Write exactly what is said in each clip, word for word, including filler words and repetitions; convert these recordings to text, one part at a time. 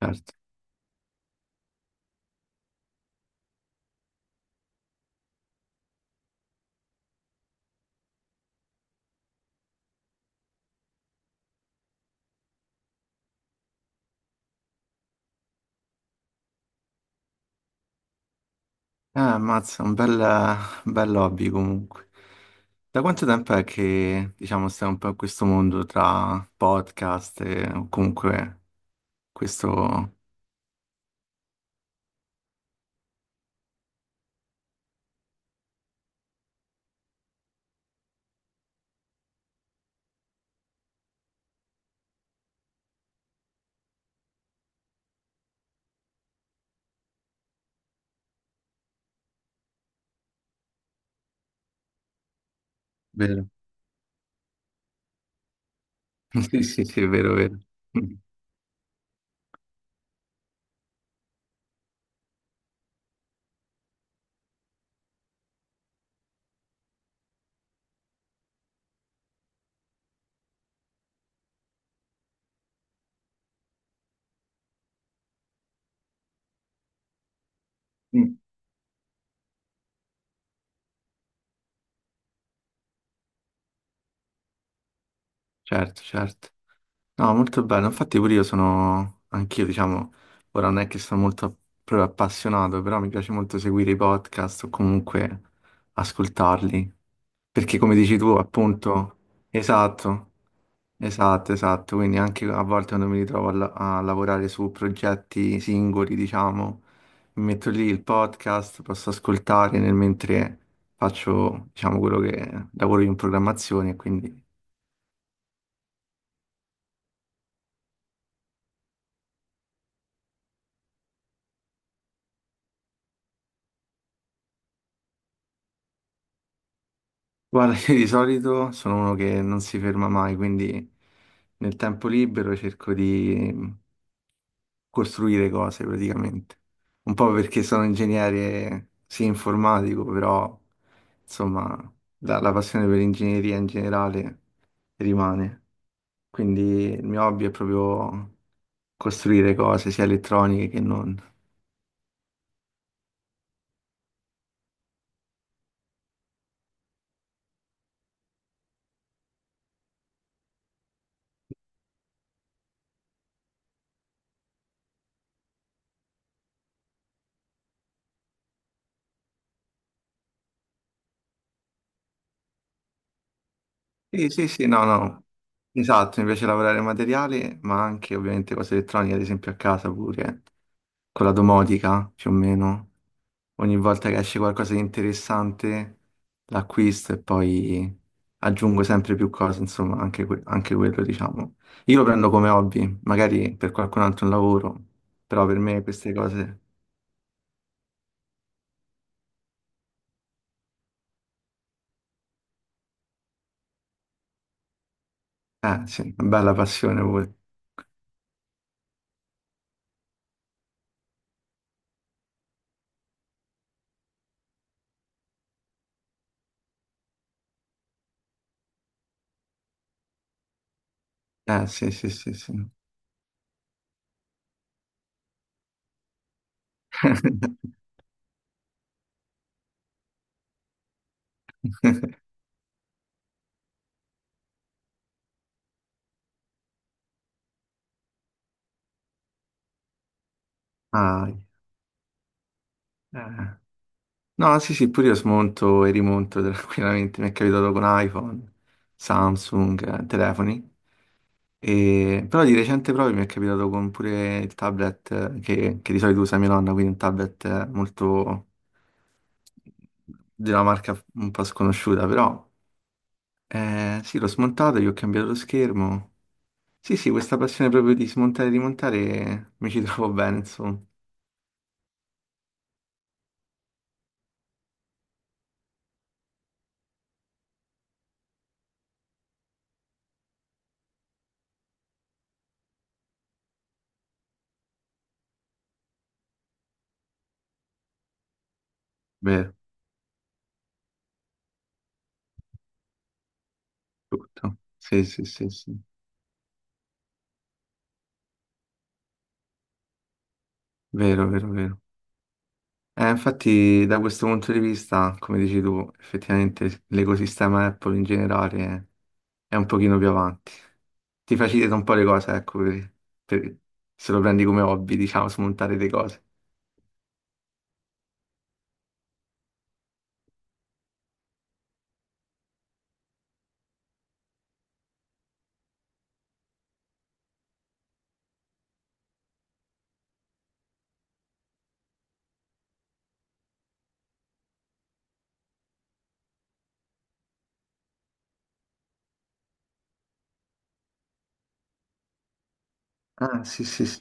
Certo. Eh, ammazza, un bel, un bel hobby comunque. Da quanto tempo è che, diciamo, stai un po' in questo mondo tra podcast e o comunque questo... Vero. Sì, sì, sì, è vero, vero. Mm. Mm. Certo, certo. No, molto bello. Infatti pure io sono, anch'io diciamo, ora non è che sono molto proprio appassionato, però mi piace molto seguire i podcast o comunque ascoltarli. Perché come dici tu, appunto, esatto, esatto, esatto. Quindi anche a volte quando mi ritrovo a, la- a lavorare su progetti singoli, diciamo, mi metto lì il podcast, posso ascoltare nel mentre faccio, diciamo, quello che lavoro io in programmazione, quindi... Guarda, io di solito sono uno che non si ferma mai, quindi nel tempo libero cerco di mm, costruire cose praticamente. Un po' perché sono ingegnere, sì, informatico, però insomma la, la passione per l'ingegneria in generale rimane. Quindi il mio hobby è proprio costruire cose, sia elettroniche che non. Sì, sì, sì, no, no. Esatto, mi piace lavorare materiale, ma anche ovviamente cose elettroniche, ad esempio a casa pure. Quella domotica più o meno. Ogni volta che esce qualcosa di interessante l'acquisto e poi aggiungo sempre più cose, insomma, anche, que- anche quello, diciamo. Io lo prendo come hobby, magari per qualcun altro è un lavoro, però per me queste cose... Eh sì, una bella passione pure. Eh sì, sì, sì, sì. Ah, eh. No, sì, sì, pure io smonto e rimonto tranquillamente, mi è capitato con iPhone, Samsung, eh, telefoni. E- però di recente proprio mi è capitato con pure il tablet eh, che, che di solito usa mia nonna, quindi un tablet eh, molto di una marca un po' sconosciuta, però eh, sì, l'ho smontato, gli ho cambiato lo schermo. Sì, sì, questa passione proprio di smontare e rimontare mi ci trovo bene, insomma. Vero, tutto. Sì, sì, sì, sì. Vero, vero, vero. Eh, infatti, da questo punto di vista, come dici tu, effettivamente l'ecosistema Apple in generale è un pochino più avanti. Ti facilita un po' le cose, ecco, per- per- se lo prendi come hobby, diciamo, smontare le cose. Ah, sì, sì, sì,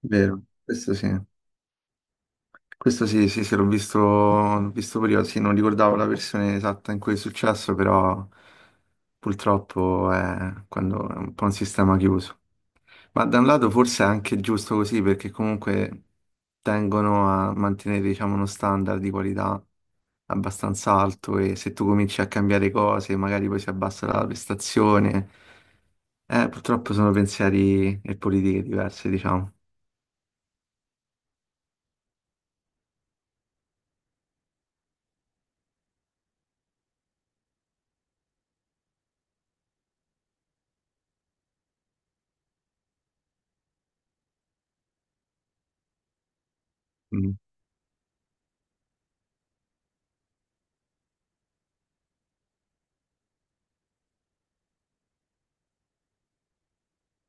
vero, questo sì. Questo sì, sì, sì, l'ho visto, l'ho visto prima, sì, non ricordavo la versione esatta in cui è successo, però purtroppo è, quando è un po' un sistema chiuso. Ma da un lato forse è anche giusto così perché comunque tengono a mantenere, diciamo, uno standard di qualità abbastanza alto e se tu cominci a cambiare cose, magari poi si abbassa la prestazione. Eh, purtroppo sono pensieri e politiche diverse, diciamo. Mm.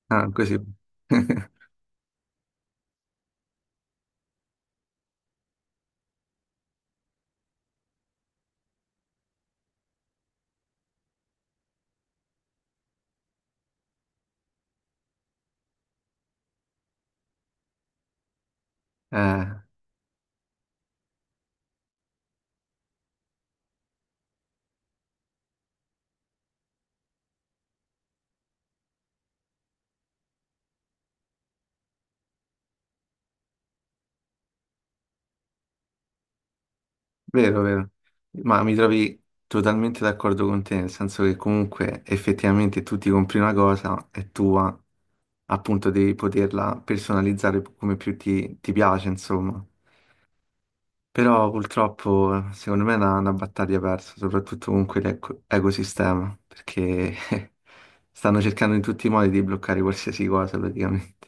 Ah, così. Eh, vero, vero. Ma mi trovi totalmente d'accordo con te, nel senso che comunque effettivamente tu ti compri una cosa, è tua, appunto devi poterla personalizzare come più ti, ti piace, insomma. Però purtroppo secondo me è una, una battaglia persa, soprattutto con quell'ecosistema, perché stanno cercando in tutti i modi di bloccare qualsiasi cosa praticamente.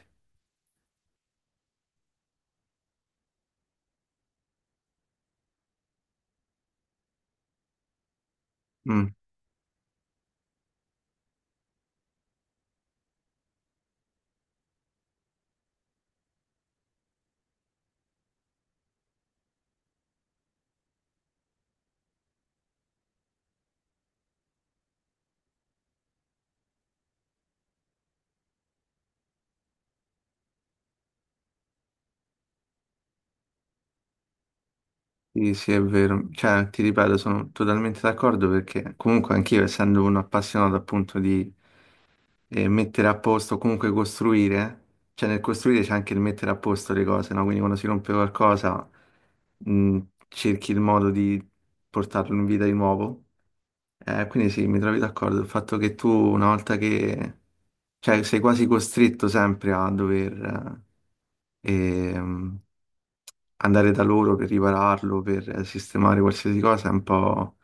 Mm. Sì, sì, è vero. Cioè, ti ripeto, sono totalmente d'accordo perché comunque anch'io, essendo un appassionato appunto di eh, mettere a posto, comunque costruire, cioè nel costruire c'è anche il mettere a posto le cose, no? Quindi quando si rompe qualcosa, mh, cerchi il modo di portarlo in vita di nuovo. Eh, quindi sì, mi trovi d'accordo. Il fatto che tu una volta che... cioè sei quasi costretto sempre a dover eh, ehm, andare da loro per ripararlo, per sistemare qualsiasi cosa, è un po'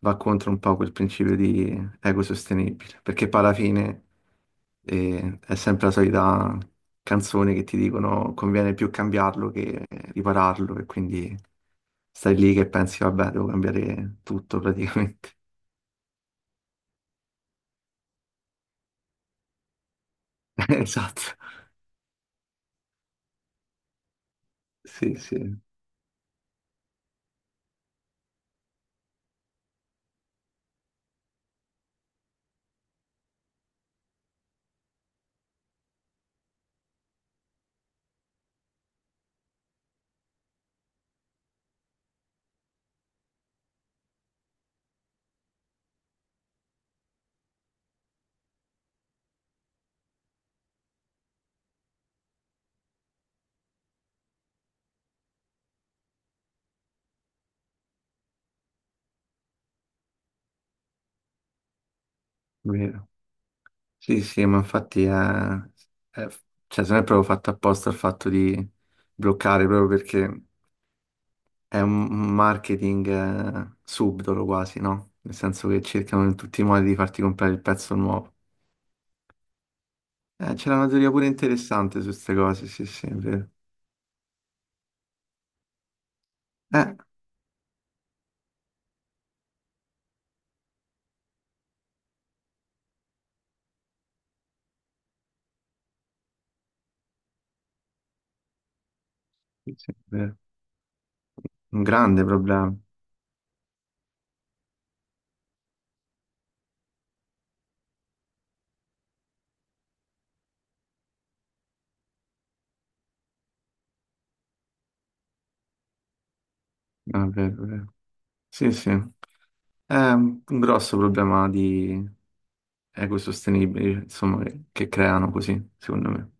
va contro un po' quel principio di ecosostenibile, perché poi alla fine eh, è sempre la solita canzone che ti dicono conviene più cambiarlo che ripararlo e quindi stai lì che pensi vabbè, devo cambiare tutto praticamente. Esatto. Sì, sì, è vero. Sì, sì, ma infatti è, è- cioè, se non è proprio fatto apposta il fatto di bloccare, proprio perché è un un marketing eh, subdolo quasi, no? Nel senso che cercano in tutti i modi di farti comprare il pezzo nuovo. Eh, c'era una teoria pure interessante su queste cose, sì, sì, è vero. Eh, sì, sì, è vero. Un grande problema. Ah, è vero, è vero. Sì, sì, è un un grosso problema di ecosostenibili, insomma, che, che creano così, secondo me.